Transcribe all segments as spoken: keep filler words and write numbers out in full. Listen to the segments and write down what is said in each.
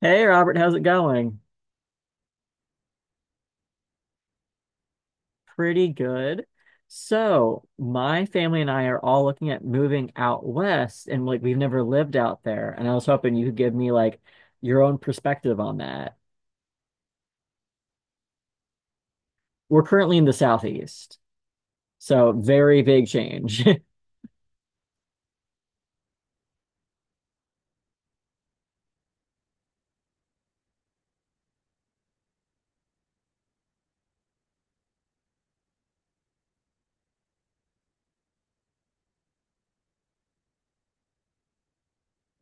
Hey Robert, how's it going? Pretty good. So, my family and I are all looking at moving out west, and like we've never lived out there. And I was hoping you could give me like your own perspective on that. We're currently in the southeast, so very big change.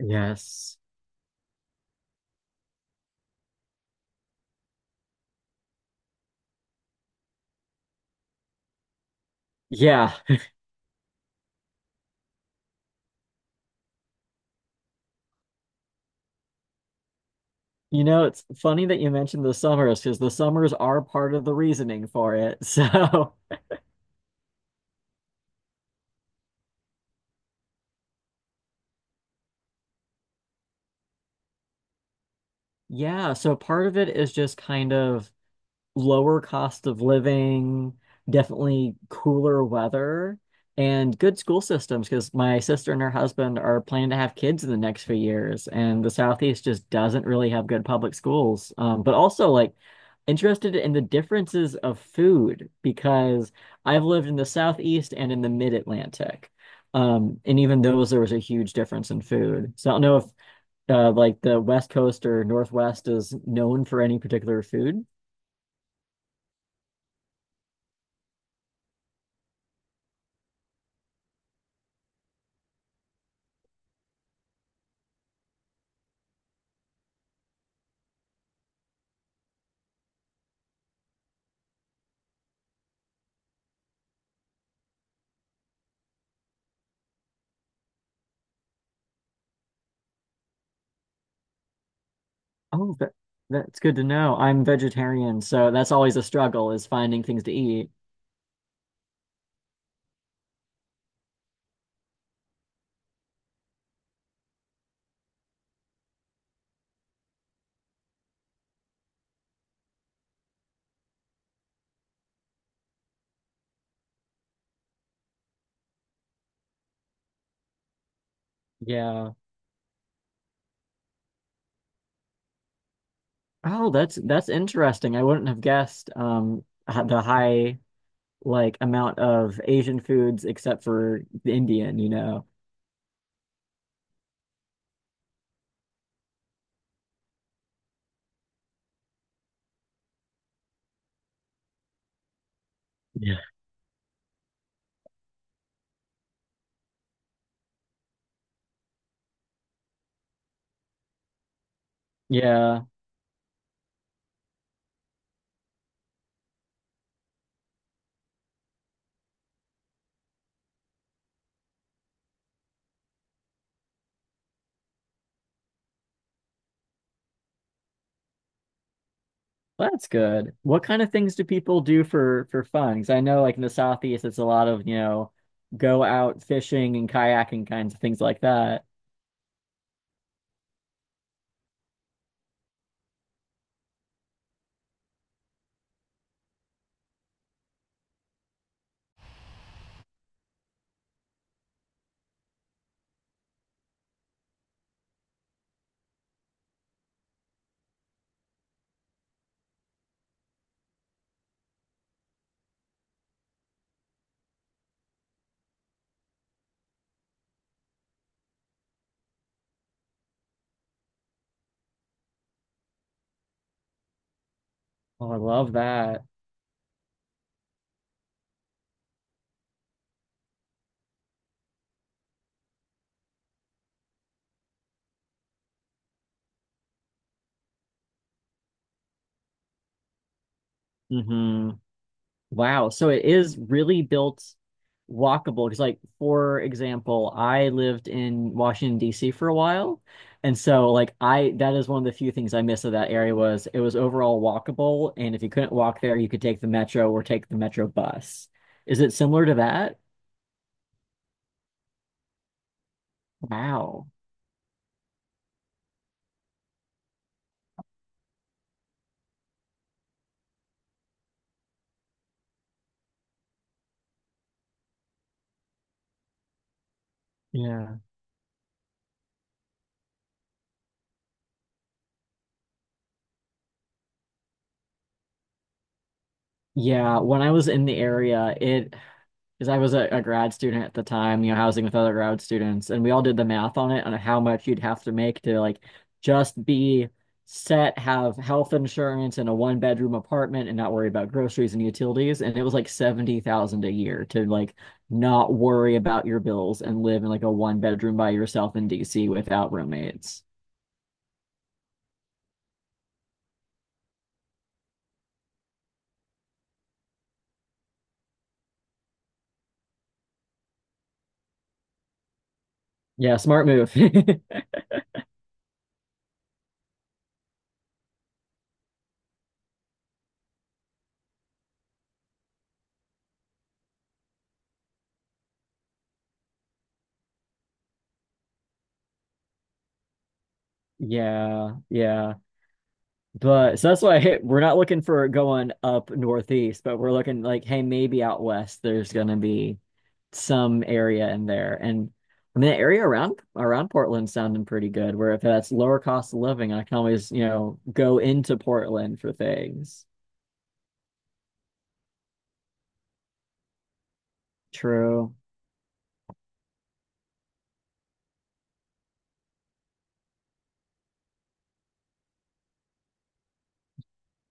Yes. Yeah. You know, it's funny that you mentioned the summers because the summers are part of the reasoning for it. So, yeah. So, part of it is just kind of lower cost of living, definitely cooler weather, and good school systems because my sister and her husband are planning to have kids in the next few years, and the Southeast just doesn't really have good public schools. Um, but also, like, interested in the differences of food because I've lived in the Southeast and in the Mid-Atlantic. Um, and even those, there was a huge difference in food. So I don't know if uh, like the West Coast or Northwest is known for any particular food. Oh, that that's good to know. I'm vegetarian, so that's always a struggle is finding things to eat. Yeah. Oh, that's that's interesting. I wouldn't have guessed um h- the high like amount of Asian foods except for the Indian, you know. Yeah. Yeah. Well, that's good. What kind of things do people do for for fun? 'Cause I know like in the Southeast it's a lot of, you know, go out fishing and kayaking kinds of things like that. Oh, I love that. Wow. So it is really built walkable. Because, like, for example, I lived in Washington, D C for a while. And so, like, I that is one of the few things I miss of that area was it was overall walkable. And if you couldn't walk there, you could take the metro or take the metro bus. Is it similar to that? Wow. Yeah. Yeah. When I was in the area, it because I was a, a grad student at the time, you know, housing with other grad students, and we all did the math on it on how much you'd have to make to like just be set, have health insurance and a one bedroom apartment and not worry about groceries and utilities. And it was like seventy thousand a year to like not worry about your bills and live in like a one bedroom by yourself in D C without roommates. Yeah, smart move. Yeah, yeah. But so that's why hey, we're not looking for going up northeast, but we're looking like, hey, maybe out west there's gonna be some area in there. And I mean the area around around Portland's sounding pretty good, where if that's lower cost of living, I can always, you know, go into Portland for things. True.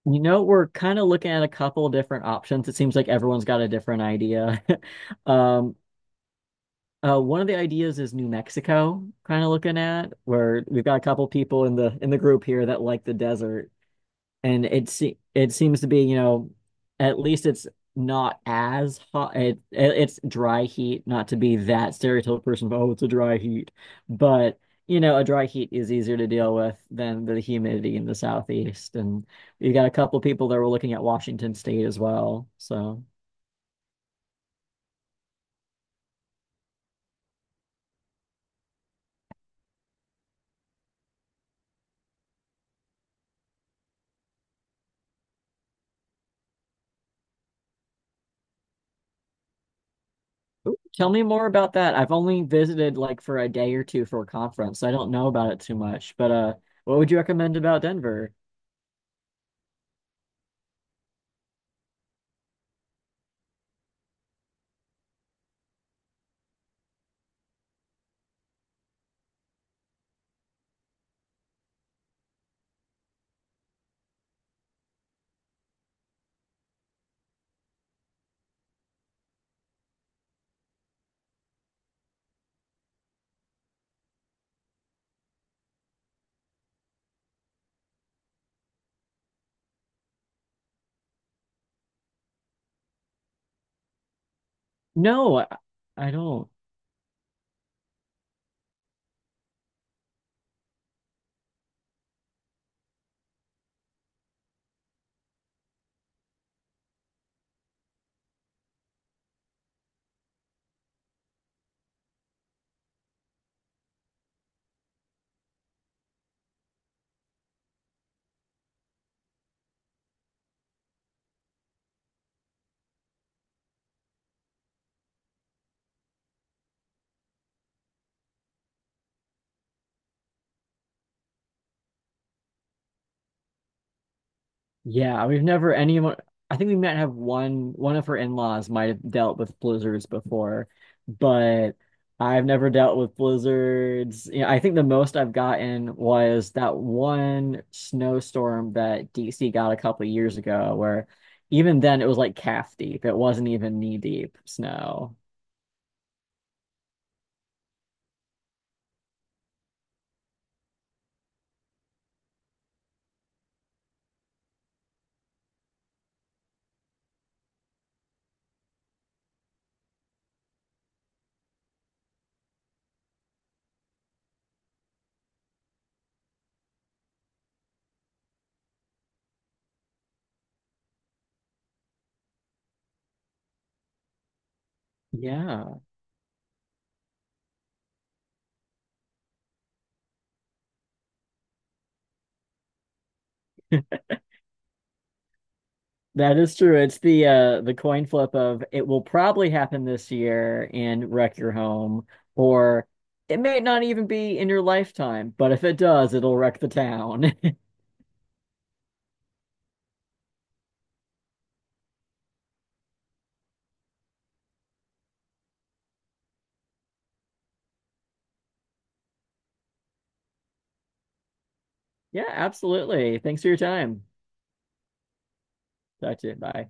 You know, we're kind of looking at a couple different options. It seems like everyone's got a different idea. Um, Uh, one of the ideas is New Mexico, kind of looking at where we've got a couple people in the in the group here that like the desert, and it se it seems to be, you know, at least it's not as hot. It, it it's dry heat, not to be that stereotypical person of oh, it's a dry heat, but you know, a dry heat is easier to deal with than the humidity in the southeast, and we've got a couple people that were looking at Washington State as well, so. Tell me more about that. I've only visited like for a day or two for a conference. So I don't know about it too much. But uh what would you recommend about Denver? No, I, I don't. Yeah, we've never anyone I think we might have one one of her in-laws might have dealt with blizzards before, but I've never dealt with blizzards. Yeah, I think the most I've gotten was that one snowstorm that D C got a couple of years ago where even then it was like calf deep. It wasn't even knee deep snow. Yeah, that is true. It's the uh the coin flip of it will probably happen this year and wreck your home, or it may not even be in your lifetime, but if it does, it'll wreck the town. Yeah, absolutely. Thanks for your time. Talk to you. Bye.